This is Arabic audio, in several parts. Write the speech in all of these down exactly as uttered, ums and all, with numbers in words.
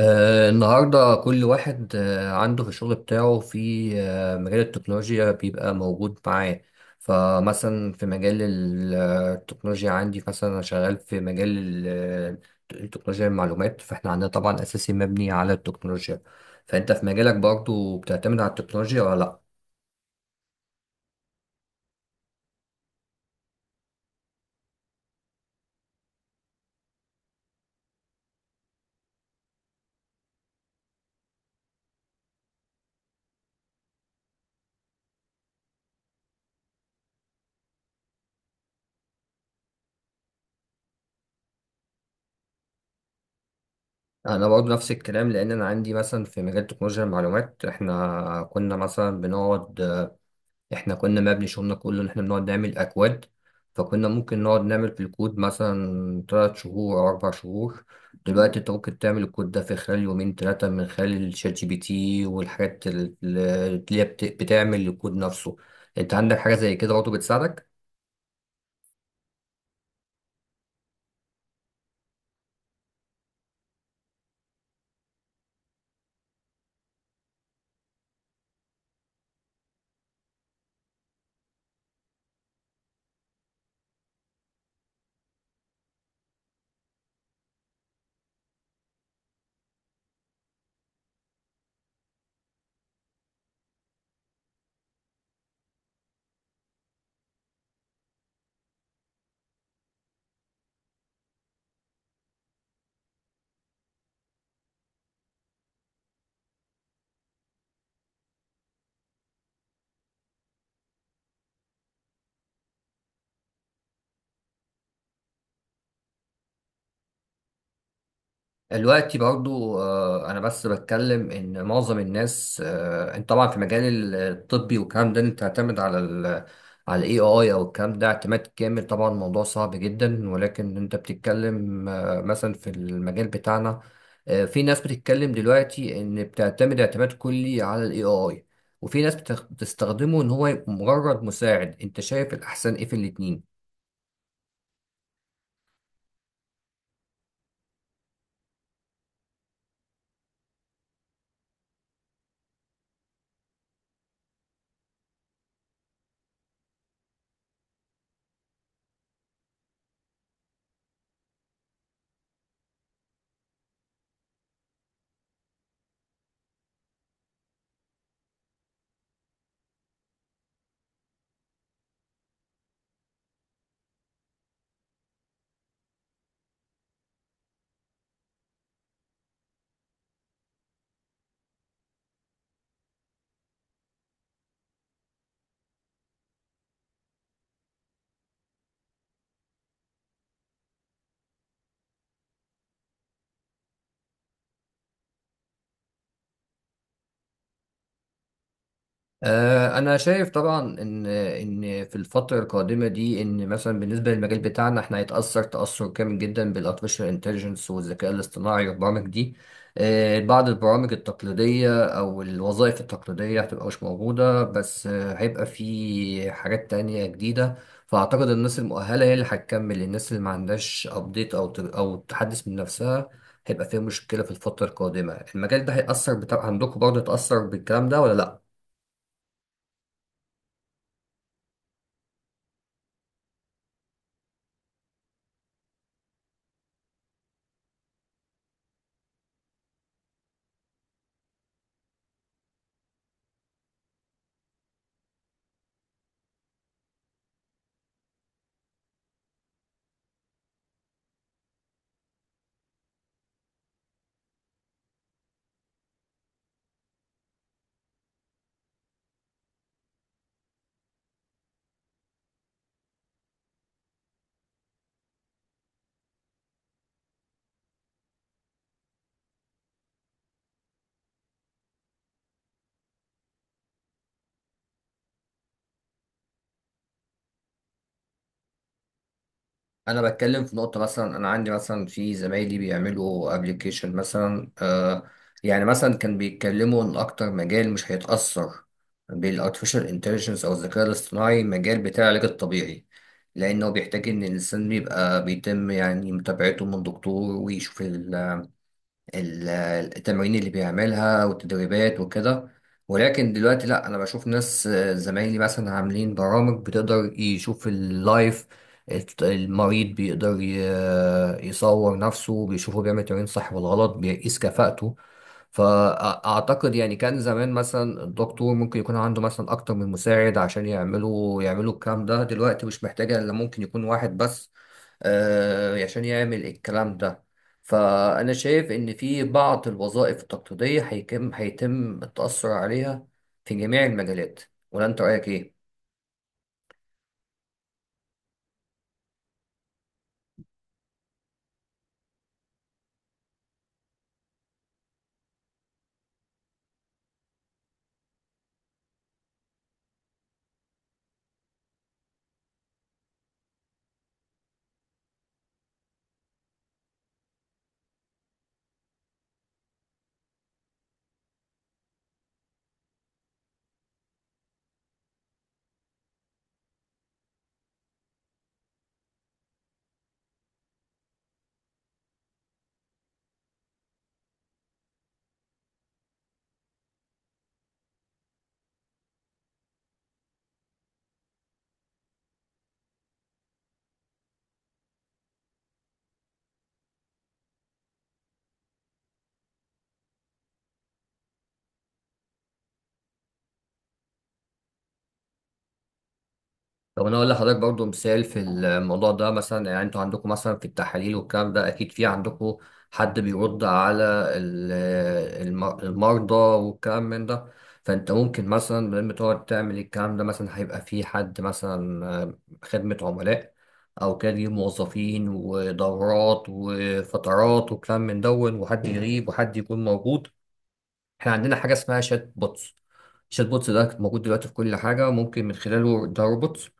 آه، النهاردة كل واحد آه، عنده في الشغل بتاعه في آه، مجال التكنولوجيا بيبقى موجود معاه. فمثلا في مجال ال- آه، التكنولوجيا، عندي مثلا أنا شغال في مجال ال- آه، التكنولوجيا المعلومات، فاحنا عندنا طبعا أساسي مبني على التكنولوجيا. فأنت في مجالك برضو بتعتمد على التكنولوجيا ولا لأ؟ أنا برضو نفس الكلام، لأن أنا عندي مثلا في مجال تكنولوجيا المعلومات. احنا كنا مثلا بنقعد، آه، احنا كنا مبني شغلنا كله ان احنا بنقعد نعمل اكواد. فكنا ممكن نقعد نعمل في الكود مثلا تلات شهور او اربع شهور. دلوقتي انت ممكن تعمل الكود ده في خلال يومين تلاتة من خلال الشات جي بي تي والحاجات ال- ال- اللي هي بت- بتعمل الكود نفسه. انت عندك حاجة زي كده برضه بتساعدك؟ دلوقتي برضو، آه، انا بس بتكلم ان معظم الناس، آه، انت طبعا في مجال الطبي والكلام ده انت تعتمد على ال على الاي اي او الكلام ده اعتماد كامل. طبعا الموضوع صعب جدا، ولكن انت بتتكلم آه، مثلا في المجال بتاعنا. آه، في ناس بتتكلم دلوقتي ان بتعتمد اعتماد كلي على الاي اي، وفي ناس بتخ- بتستخدمه ان هو مجرد مساعد. انت شايف الاحسن ايه في الاتنين؟ آه، انا شايف طبعا ان ان في الفتره القادمه دي، ان مثلا بالنسبه للمجال بتاعنا، احنا هيتاثر تاثر كامل جدا بالارتفيشال انتليجنس والذكاء الاصطناعي والبرامج دي. آه، بعض البرامج التقليديه او الوظائف التقليديه هتبقى مش موجوده، بس آه، هيبقى في حاجات تانية جديده. فاعتقد الناس المؤهله هي اللي هتكمل، الناس اللي ما عندهاش ابديت او ت- او تحدث من نفسها هيبقى فيها مشكله في الفتره القادمه. المجال ده هيأثر، بتاع عندكم برضه هيتأثر بالكلام ده ولا لا؟ انا بتكلم في نقطه، مثلا انا عندي مثلا في زمايلي بيعملوا ابلكيشن مثلا. آه يعني مثلا كان بيتكلموا ان اكتر مجال مش هيتاثر بالارتفيشال انتليجنس او الذكاء الاصطناعي مجال بتاع العلاج الطبيعي، لانه بيحتاج ان الانسان بيبقى بيتم يعني متابعته من دكتور، ويشوف ال- التمارين اللي بيعملها والتدريبات وكده. ولكن دلوقتي لا، انا بشوف ناس، آه، زمايلي مثلا عاملين برامج بتقدر يشوف اللايف. الت- المريض بيقدر ي- يصور نفسه، بيشوفه بيعمل تمرين صح ولا غلط، بيقيس كفاءته. فأعتقد يعني كان زمان مثلا الدكتور ممكن يكون عنده مثلا أكتر من مساعد عشان يعملوا يعملوا الكلام ده. دلوقتي مش محتاجة إلا ممكن يكون واحد بس، آه، عشان يعمل الكلام ده. فأنا شايف إن في بعض الوظائف التقليدية هيتم هيتم التأثر عليها في جميع المجالات. ولا أنت رأيك إيه؟ طب انا اقول لحضرتك برضو مثال في الموضوع ده. مثلا يعني انتوا عندكم مثلا في التحاليل والكلام ده، اكيد في عندكم حد بيرد على ال- الم- المرضى والكلام من ده. فانت ممكن مثلا لما تقعد تعمل الكلام ده، مثلا هيبقى في حد مثلا آه، خدمة عملاء، او كان ليه موظفين ودورات وفترات وكلام من دون، وحد يغيب وحد يكون موجود. احنا عندنا حاجة اسمها شات بوتس. الشات بوتس ده موجود دلوقتي في كل حاجة، ممكن من خلاله، ده روبوت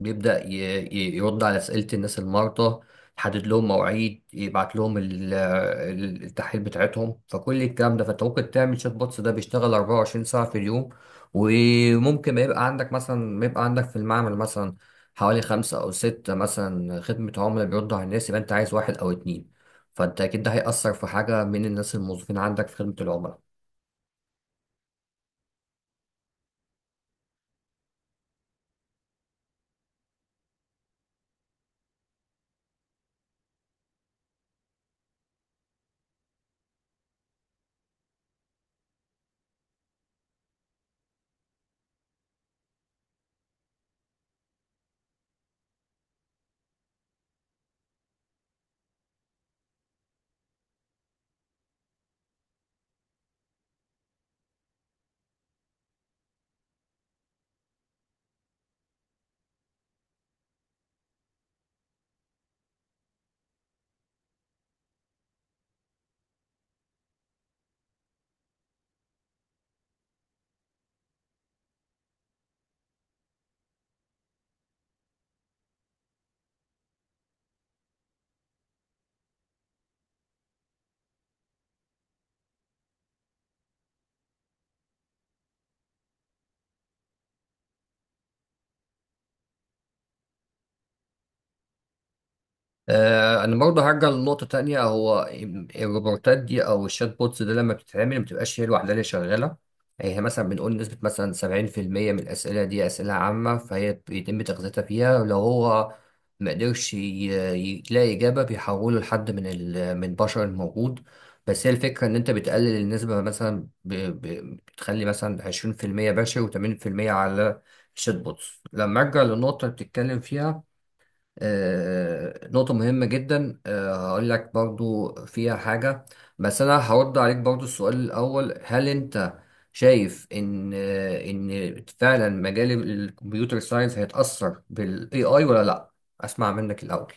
بيبدأ ي- ي- يرد على أسئلة الناس المرضى، يحدد لهم مواعيد، يبعت لهم ال- ال- التحاليل بتاعتهم، فكل الكلام ده. فانت ممكن تعمل شات بوتس ده بيشتغل 24 ساعة في اليوم، وممكن ما يبقى عندك مثلا ما يبقى عندك في المعمل مثلا حوالي خمسة أو ستة مثلا خدمة عملاء بيردوا على الناس، يبقى أنت عايز واحد أو اتنين. فأنت أكيد ده هيأثر في حاجة من الناس الموظفين عندك في خدمة العملاء. آه، انا برضه هرجع لنقطه تانية. هو الروبوتات دي او الشات بوتس ده لما بتتعمل ما بتبقاش هي لوحدها اللي شغاله، يعني هي مثلا بنقول نسبه مثلا سبعين في المية من الاسئله دي اسئله عامه، فهي بيتم تغذيتها فيها. ولو هو ما قدرش ي- ي- يلاقي اجابه، بيحوله لحد من ال- من البشر الموجود. بس هي الفكره ان انت بتقلل النسبه مثلا، ب- ب- بتخلي مثلا عشرين في المية بشر و80% على الشات بوتس. لما ارجع للنقطه اللي بتتكلم فيها، آه، نقطة مهمة جدا. آه، هقول لك برضو فيها حاجة، بس أنا هرد عليك برضو السؤال الأول. هل أنت شايف إن آه، إن فعلا مجال الكمبيوتر ساينس هيتأثر بال A I ولا لأ؟ أسمع منك الأول.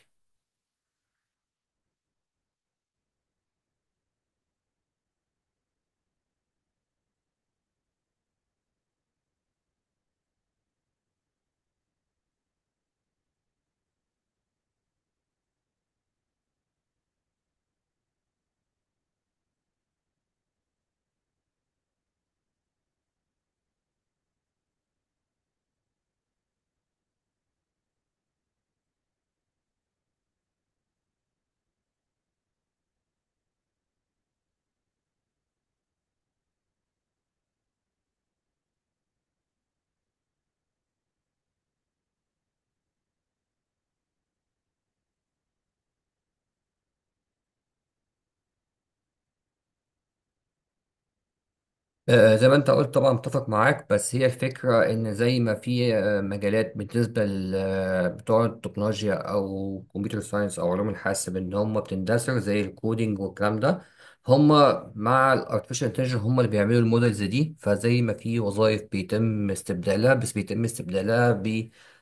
آه، زي ما انت قلت طبعا متفق معاك. بس هي الفكرة ان زي ما في آه، مجالات بالنسبة لبتوع التكنولوجيا او كمبيوتر ساينس او علوم الحاسب ان هم بتندثر زي الكودينج والكلام ده، هم مع الارتفيشال انتليجنس هم اللي بيعملوا المودلز دي. فزي ما في وظائف بيتم استبدالها، بس بيتم استبدالها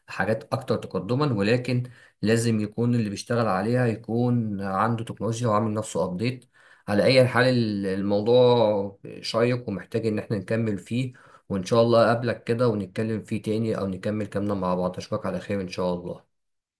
بحاجات اكتر تقدما، ولكن لازم يكون اللي بيشتغل عليها يكون عنده تكنولوجيا وعامل نفسه ابديت. على أي حال، ال- الموضوع شيق ومحتاج إن احنا نكمل فيه، وإن شاء الله أقابلك كده ونتكلم فيه تاني أو نكمل كلامنا مع بعض. أشوفك على خير إن شاء الله.